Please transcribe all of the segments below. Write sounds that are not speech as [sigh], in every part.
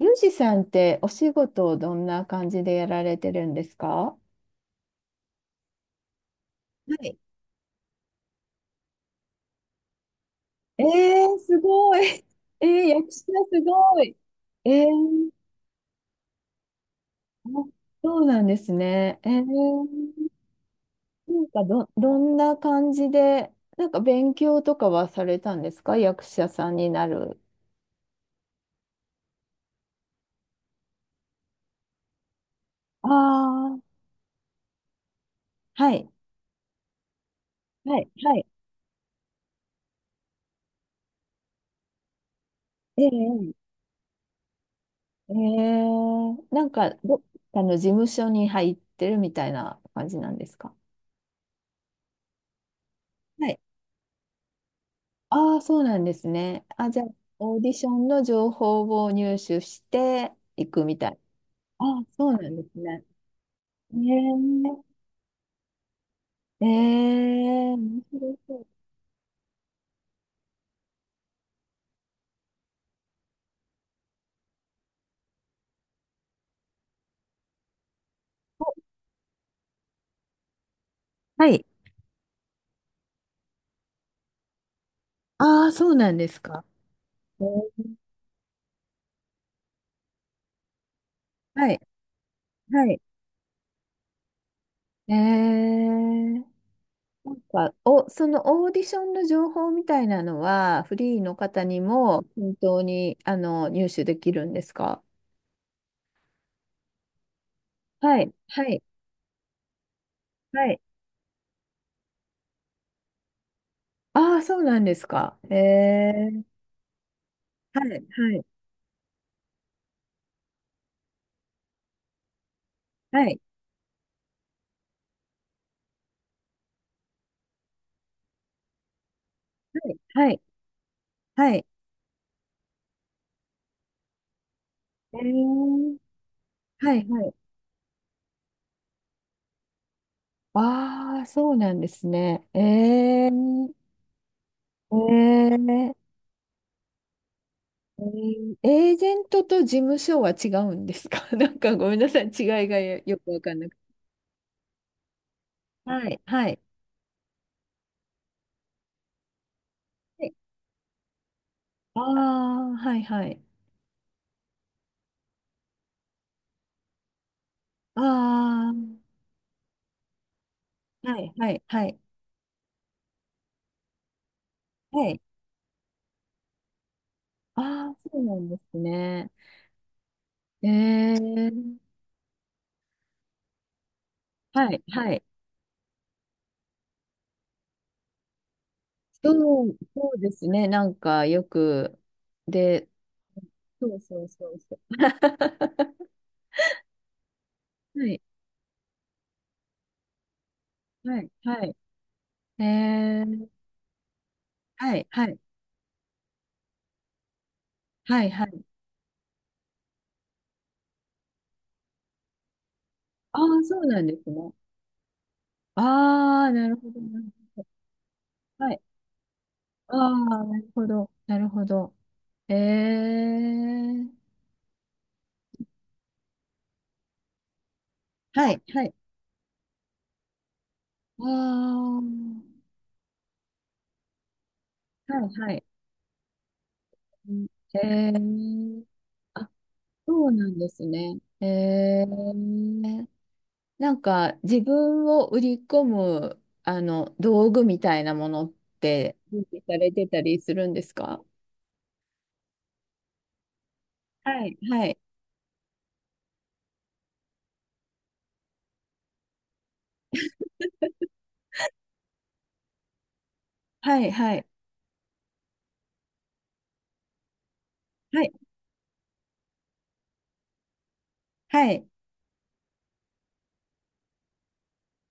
ユージさんってお仕事をどんな感じでやられてるんですか？はい。えー、すごい。[laughs] えー、役者すごい。えー、あ、そうなんですね。えー、なんかどんな感じで、なんか勉強とかはされたんですか、役者さんになる。ああ、はい、はい、はい。えー、えー、なんかどっかの事務所に入ってるみたいな感じなんですか？はい。ああ、そうなんですね。あ、じゃあ、オーディションの情報を入手していくみたい。ああ、そうなんですね。ねえ、ええ、面白い。はい。ああ、そうなんですか。えー、はい、はい。ええ、なんか、お、そのオーディションの情報みたいなのは、フリーの方にも本当に、あの、入手できるんですか？はい、はい、はい。ああ、そうなんですか。ええ、はい、はい、はい。い、はい、はい。えー、はい、はい。ああ、そうなんですね。ええ、えええー、エージェントと事務所は違うんですか？ [laughs] なんかごめんなさい、違いがよくわかんなくて。はい、はい。ああー、はい、はい。ああ、はい、はい、はい。はい。ああ、そうなんですね。ええ、はい、はい。そそうですね。なんかよく、で、そうそうそうそう。[laughs] はい、はい、はい。えー、はい、はい、はい、はい。ああ、そうなんですね。ああ、なるほどな。はい。ああ、なるほど、なるほど。えー、はい、はい。ああ、はい、はい。うん。えー、あ、そうなんですね。えー、なんか自分を売り込むあの道具みたいなものって準備されてたりするんですか？はい、はい、はい、はい、はい、はい、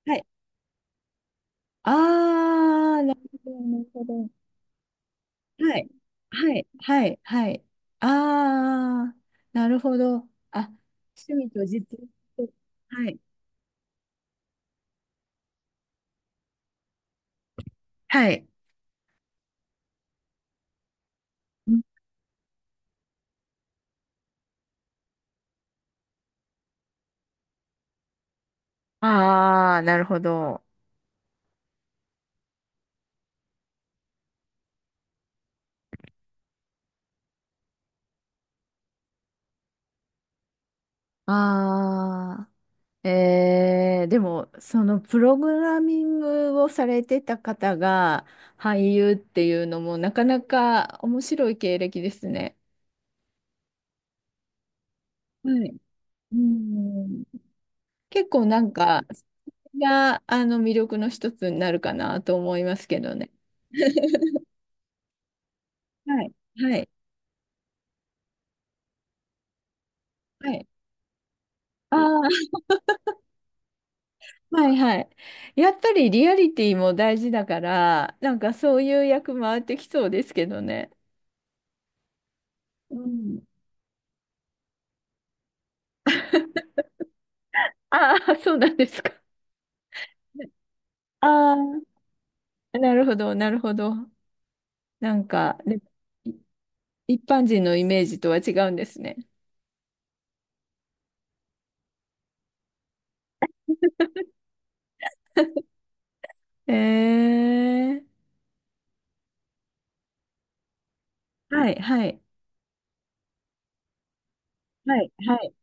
はい、ああー、なるほど、なるほど。はい、はい、はい、はい。ああー、なるほど、あ、趣味と実用と、はい、はい、ああー、なるほど、ああー、えー、でも、そのプログラミングをされてた方が俳優っていうのもなかなか面白い経歴ですね。はい。うん、結構なんか、それがあの魅力の一つになるかなと思いますけどね。はい。はい。はい。ああ、はい、はい。やっぱりリアリティも大事だから、なんかそういう役回ってきそうですけどね。うん。ああ、そうなんですか。ああ。[laughs] なるほど、なるほど。なんか、で、い一般人のイメージとは違うんですね。えー、はい、はい、はい、はい、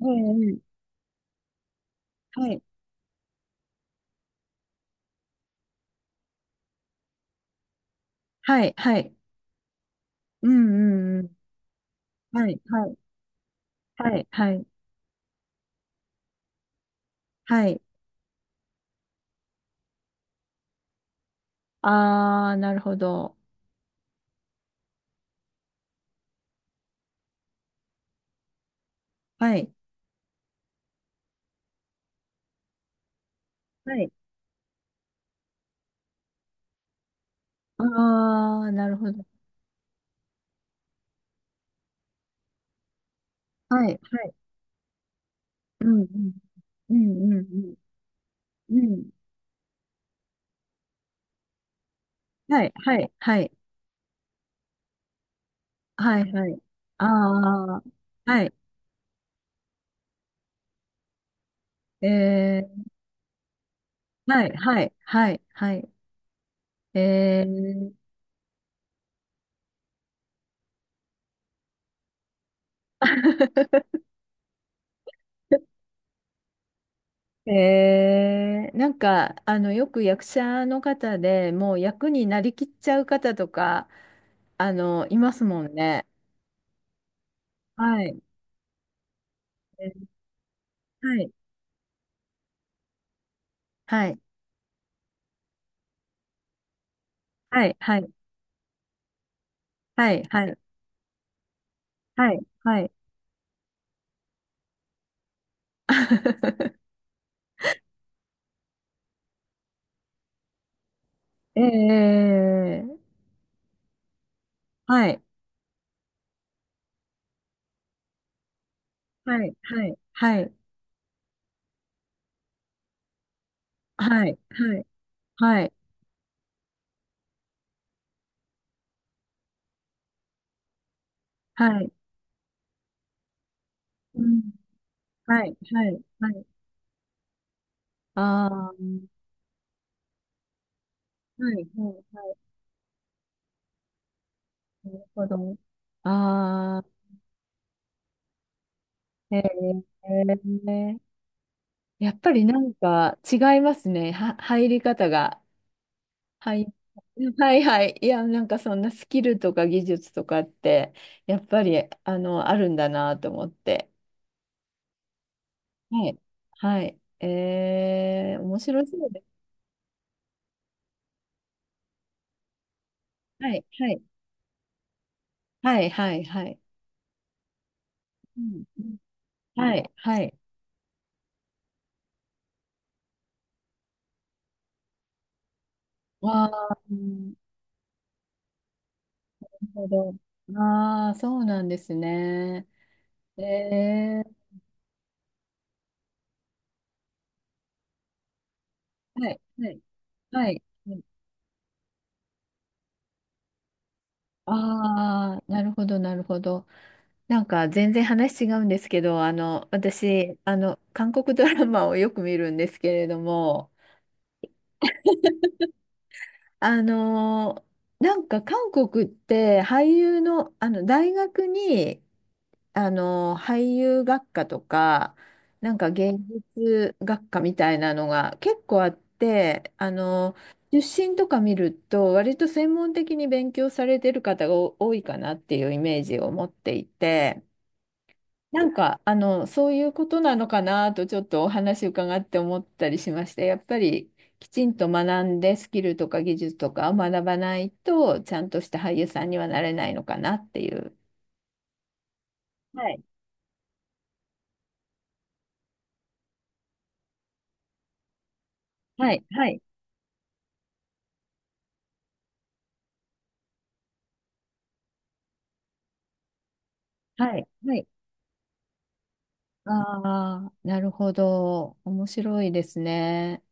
えー、はい、はい、はい、うん、うん、うん、はい、はい、はい、はい、はい、あー、なるほど。はい、はい、あー、なるほど。はい、はい、うん、うん、うん、うん、うん、うん、はい、はい、はい、はい、はい、あー、はい、えー、はい、はい、はい、はい。えー。 [laughs] えー、なんか、あの、よく役者の方でもう役になりきっちゃう方とか、あの、いますもんね。はい。えー、はい、はい、はい、はい、はい、はい、はい、はい。[laughs] ええ、はい、はい、はい、はい、はい、はい、はい、はい、うん、はい、はい、はい、ああ、はい、はい。なるほど。ああ、へえ。やっぱりなんか違いますね。入り方が。はい。はい、はい。いや、なんかそんなスキルとか技術とかって、やっぱり、あの、あるんだなと思って。はい。はい。えー、面白そうです。はい、はい。はい、はい、はい。うん、うん、はい、はい。わあ、なるほど。ああ、そうなんですね。えー、はい、はい、はい。ああー、なるほど、なるほど。なんか全然話違うんですけど、あの、私、あの、韓国ドラマをよく見るんですけれども、あの、なんか韓国って俳優の、あの、大学に、あの、俳優学科とか、なんか芸術学科みたいなのが結構あって、あの、出身とか見ると、割と専門的に勉強されてる方が多いかなっていうイメージを持っていて、なんか、あの、そういうことなのかなとちょっとお話伺って思ったりしまして、やっぱりきちんと学んでスキルとか技術とかを学ばないと、ちゃんとした俳優さんにはなれないのかなっていう。はい。はい、はい、はい、はい。ああ、なるほど。面白いですね。